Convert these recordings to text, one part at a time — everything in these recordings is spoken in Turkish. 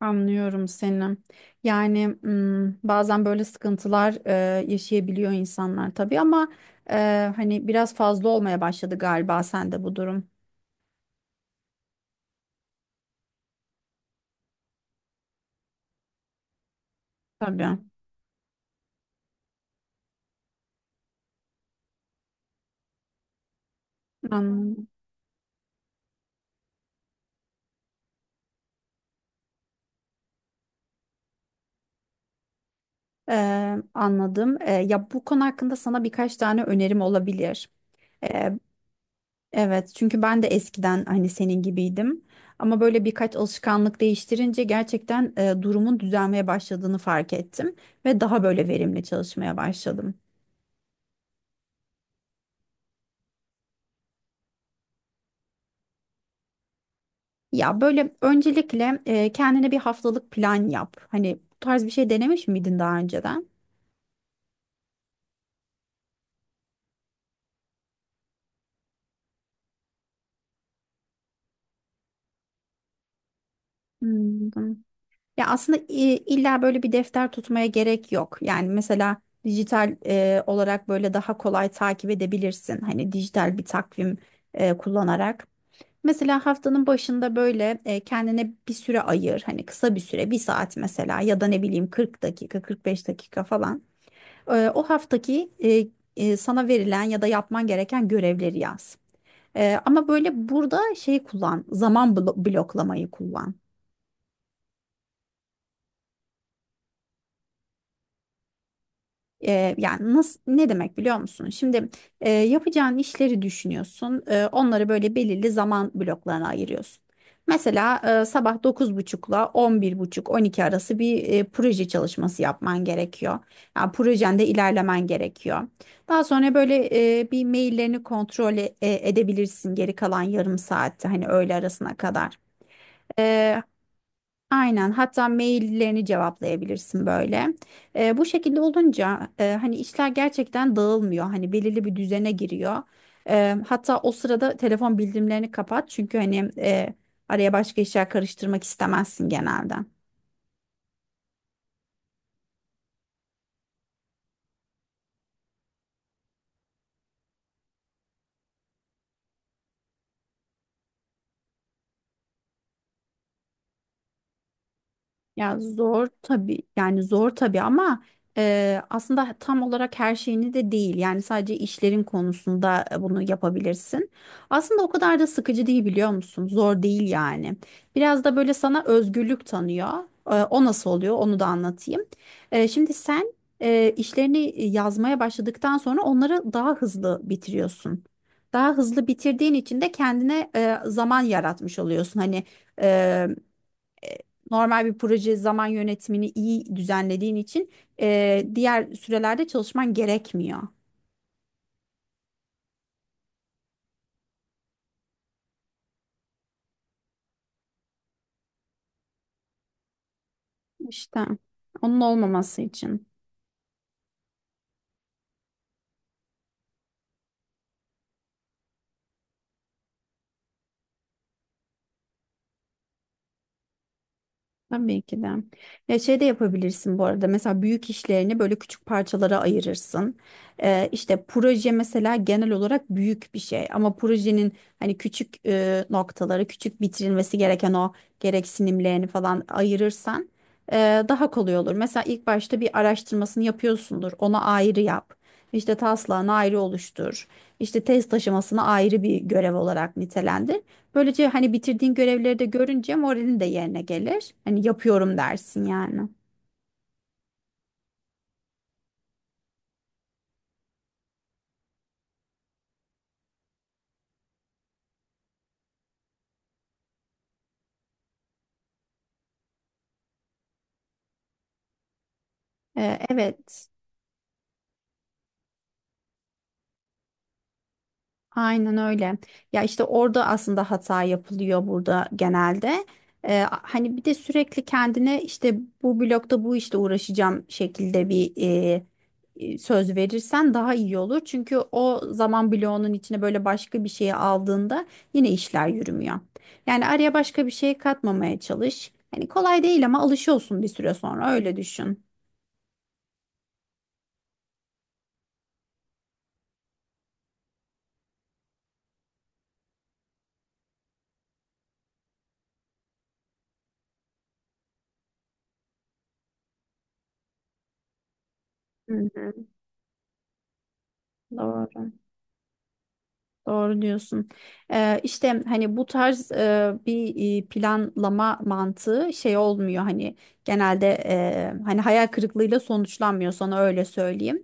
Anlıyorum seni. Yani bazen böyle sıkıntılar yaşayabiliyor insanlar tabii ama hani biraz fazla olmaya başladı galiba sende bu durum. Tabii. Anladım. Anladım. Ya bu konu hakkında sana birkaç tane önerim olabilir. E, evet çünkü ben de eskiden hani senin gibiydim. Ama böyle birkaç alışkanlık değiştirince gerçekten durumun düzelmeye başladığını fark ettim ve daha böyle verimli çalışmaya başladım. Ya böyle öncelikle kendine bir haftalık plan yap. Hani bu tarz bir şey denemiş miydin daha önceden? Hmm. Ya aslında illa böyle bir defter tutmaya gerek yok. Yani mesela dijital olarak böyle daha kolay takip edebilirsin. Hani dijital bir takvim kullanarak. Mesela haftanın başında böyle kendine bir süre ayır. Hani kısa bir süre, bir saat mesela ya da ne bileyim 40 dakika, 45 dakika falan. O haftaki sana verilen ya da yapman gereken görevleri yaz. Ama böyle burada şey kullan, zaman bloklamayı kullan. Yani nasıl ne demek biliyor musun? Şimdi yapacağın işleri düşünüyorsun. Onları böyle belirli zaman bloklarına ayırıyorsun. Mesela sabah dokuz buçukla on bir buçuk 12 arası bir proje çalışması yapman gerekiyor. Yani projende ilerlemen gerekiyor. Daha sonra böyle bir maillerini kontrol edebilirsin geri kalan yarım saatte hani öğle arasına kadar. Aynen. Hatta maillerini cevaplayabilirsin böyle. Bu şekilde olunca hani işler gerçekten dağılmıyor. Hani belirli bir düzene giriyor. Hatta o sırada telefon bildirimlerini kapat. Çünkü hani araya başka işler karıştırmak istemezsin genelde. Ya zor tabii yani zor tabii ama aslında tam olarak her şeyini de değil. Yani sadece işlerin konusunda bunu yapabilirsin. Aslında o kadar da sıkıcı değil biliyor musun? Zor değil yani. Biraz da böyle sana özgürlük tanıyor. O nasıl oluyor onu da anlatayım. Şimdi sen işlerini yazmaya başladıktan sonra onları daha hızlı bitiriyorsun. Daha hızlı bitirdiğin için de kendine zaman yaratmış oluyorsun. Hani normal bir proje zaman yönetimini iyi düzenlediğin için diğer sürelerde çalışman gerekmiyor. İşte onun olmaması için. Tabii ki de. Ya şey de yapabilirsin bu arada. Mesela büyük işlerini böyle küçük parçalara ayırırsın. İşte proje mesela genel olarak büyük bir şey. Ama projenin hani küçük noktaları, küçük bitirilmesi gereken o gereksinimlerini falan ayırırsan e, daha kolay olur. Mesela ilk başta bir araştırmasını yapıyorsundur. Ona ayrı yap. İşte taslağını ayrı oluştur. İşte test aşamasını ayrı bir görev olarak nitelendir. Böylece hani bitirdiğin görevleri de görünce moralin de yerine gelir. Hani yapıyorum dersin yani. Evet. Aynen öyle. Ya işte orada aslında hata yapılıyor burada genelde. Hani bir de sürekli kendine işte bu blokta bu işte uğraşacağım şekilde bir söz verirsen daha iyi olur. Çünkü o zaman bloğunun içine böyle başka bir şeyi aldığında yine işler yürümüyor. Yani araya başka bir şey katmamaya çalış. Hani kolay değil ama alışıyorsun bir süre sonra öyle düşün. Hı hı, doğru. Doğru diyorsun. İşte hani bu tarz bir planlama mantığı şey olmuyor hani genelde hani hayal kırıklığıyla sonuçlanmıyor sana öyle söyleyeyim.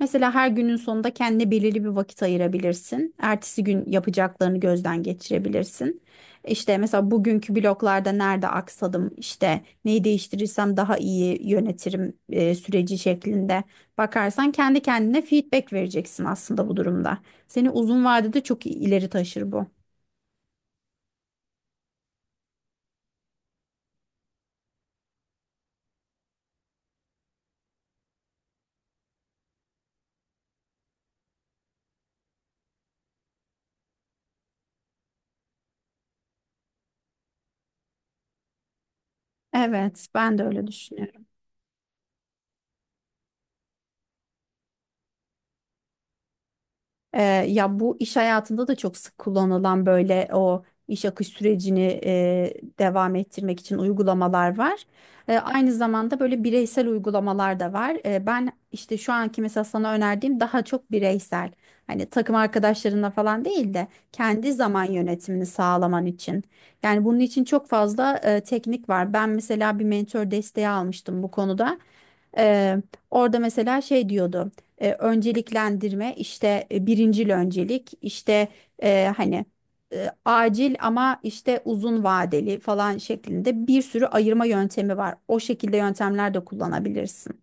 Mesela her günün sonunda kendine belirli bir vakit ayırabilirsin. Ertesi gün yapacaklarını gözden geçirebilirsin. İşte mesela bugünkü bloklarda nerede aksadım işte neyi değiştirirsem daha iyi yönetirim süreci şeklinde bakarsan kendi kendine feedback vereceksin aslında bu durumda. Seni uzun vadede çok ileri taşır bu. Evet, ben de öyle düşünüyorum. Ee, ya bu iş hayatında da çok sık kullanılan böyle o iş akış sürecini devam ettirmek için uygulamalar var. Aynı zamanda böyle bireysel uygulamalar da var. Ben işte şu anki mesela sana önerdiğim daha çok bireysel. Hani takım arkadaşlarınla falan değil de kendi zaman yönetimini sağlaman için. Yani bunun için çok fazla teknik var. Ben mesela bir mentor desteği almıştım bu konuda. E, orada mesela şey diyordu önceliklendirme işte birincil öncelik işte hani acil ama işte uzun vadeli falan şeklinde bir sürü ayırma yöntemi var. O şekilde yöntemler de kullanabilirsin.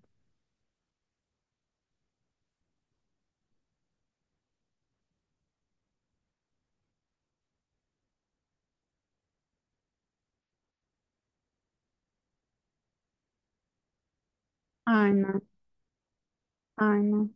Aynen, aynen.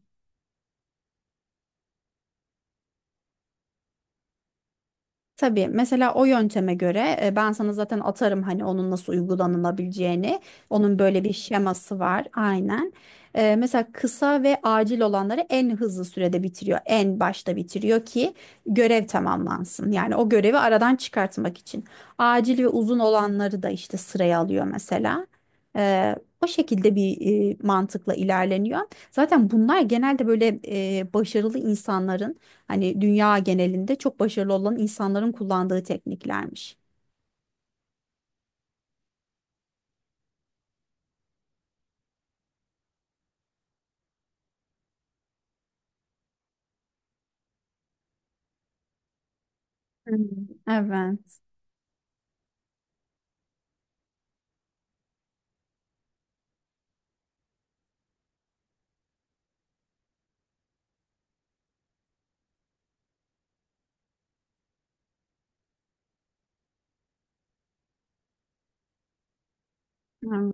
Tabii mesela o yönteme göre ben sana zaten atarım hani onun nasıl uygulanılabileceğini. Onun böyle bir şeması var aynen. Mesela kısa ve acil olanları en hızlı sürede bitiriyor. En başta bitiriyor ki görev tamamlansın. Yani o görevi aradan çıkartmak için. Acil ve uzun olanları da işte sıraya alıyor mesela. E, o şekilde bir mantıkla ilerleniyor. Zaten bunlar genelde böyle başarılı insanların hani dünya genelinde çok başarılı olan insanların kullandığı tekniklermiş. Hmm. Evet. Evet.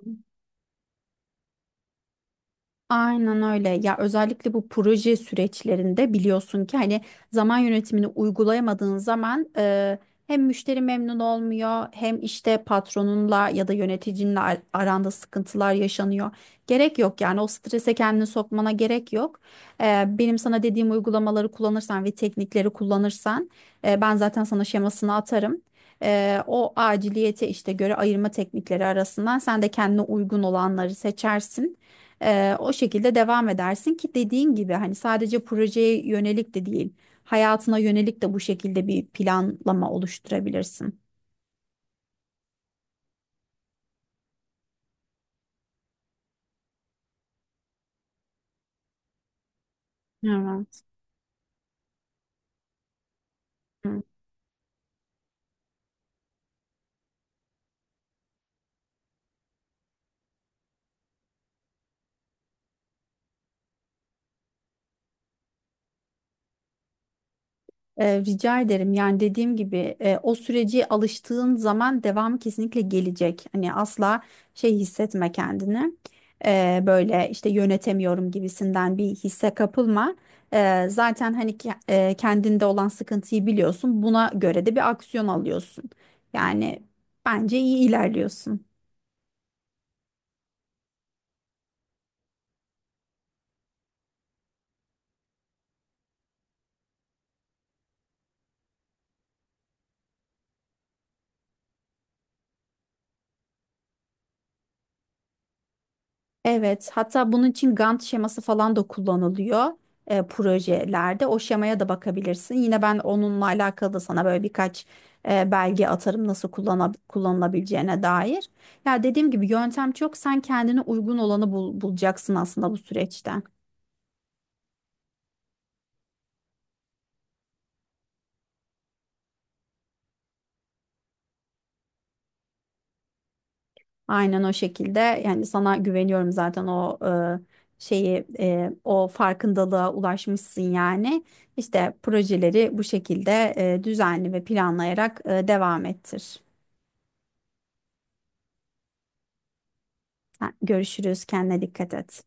Aynen öyle. Ya özellikle bu proje süreçlerinde biliyorsun ki hani zaman yönetimini uygulayamadığın zaman hem müşteri memnun olmuyor hem işte patronunla ya da yöneticinle aranda sıkıntılar yaşanıyor. Gerek yok yani o strese kendini sokmana gerek yok. Benim sana dediğim uygulamaları kullanırsan ve teknikleri kullanırsan ben zaten sana şemasını atarım. O aciliyete işte göre ayırma teknikleri arasından sen de kendine uygun olanları seçersin. O şekilde devam edersin ki dediğin gibi hani sadece projeye yönelik de değil, hayatına yönelik de bu şekilde bir planlama oluşturabilirsin. Evet. Hı. Rica ederim. Yani dediğim gibi o süreci alıştığın zaman devamı kesinlikle gelecek. Hani asla şey hissetme kendini. Böyle işte yönetemiyorum gibisinden bir hisse kapılma. Zaten hani kendinde olan sıkıntıyı biliyorsun. Buna göre de bir aksiyon alıyorsun. Yani bence iyi ilerliyorsun. Evet, hatta bunun için Gantt şeması falan da kullanılıyor projelerde. O şemaya da bakabilirsin. Yine ben onunla alakalı da sana böyle birkaç belge atarım nasıl kullanılabileceğine dair. Ya dediğim gibi yöntem çok. Sen kendine uygun olanı bulacaksın aslında bu süreçten. Aynen o şekilde. Yani sana güveniyorum zaten o şeyi, o farkındalığa ulaşmışsın yani. İşte projeleri bu şekilde düzenli ve planlayarak devam ettir. Görüşürüz. Kendine dikkat et.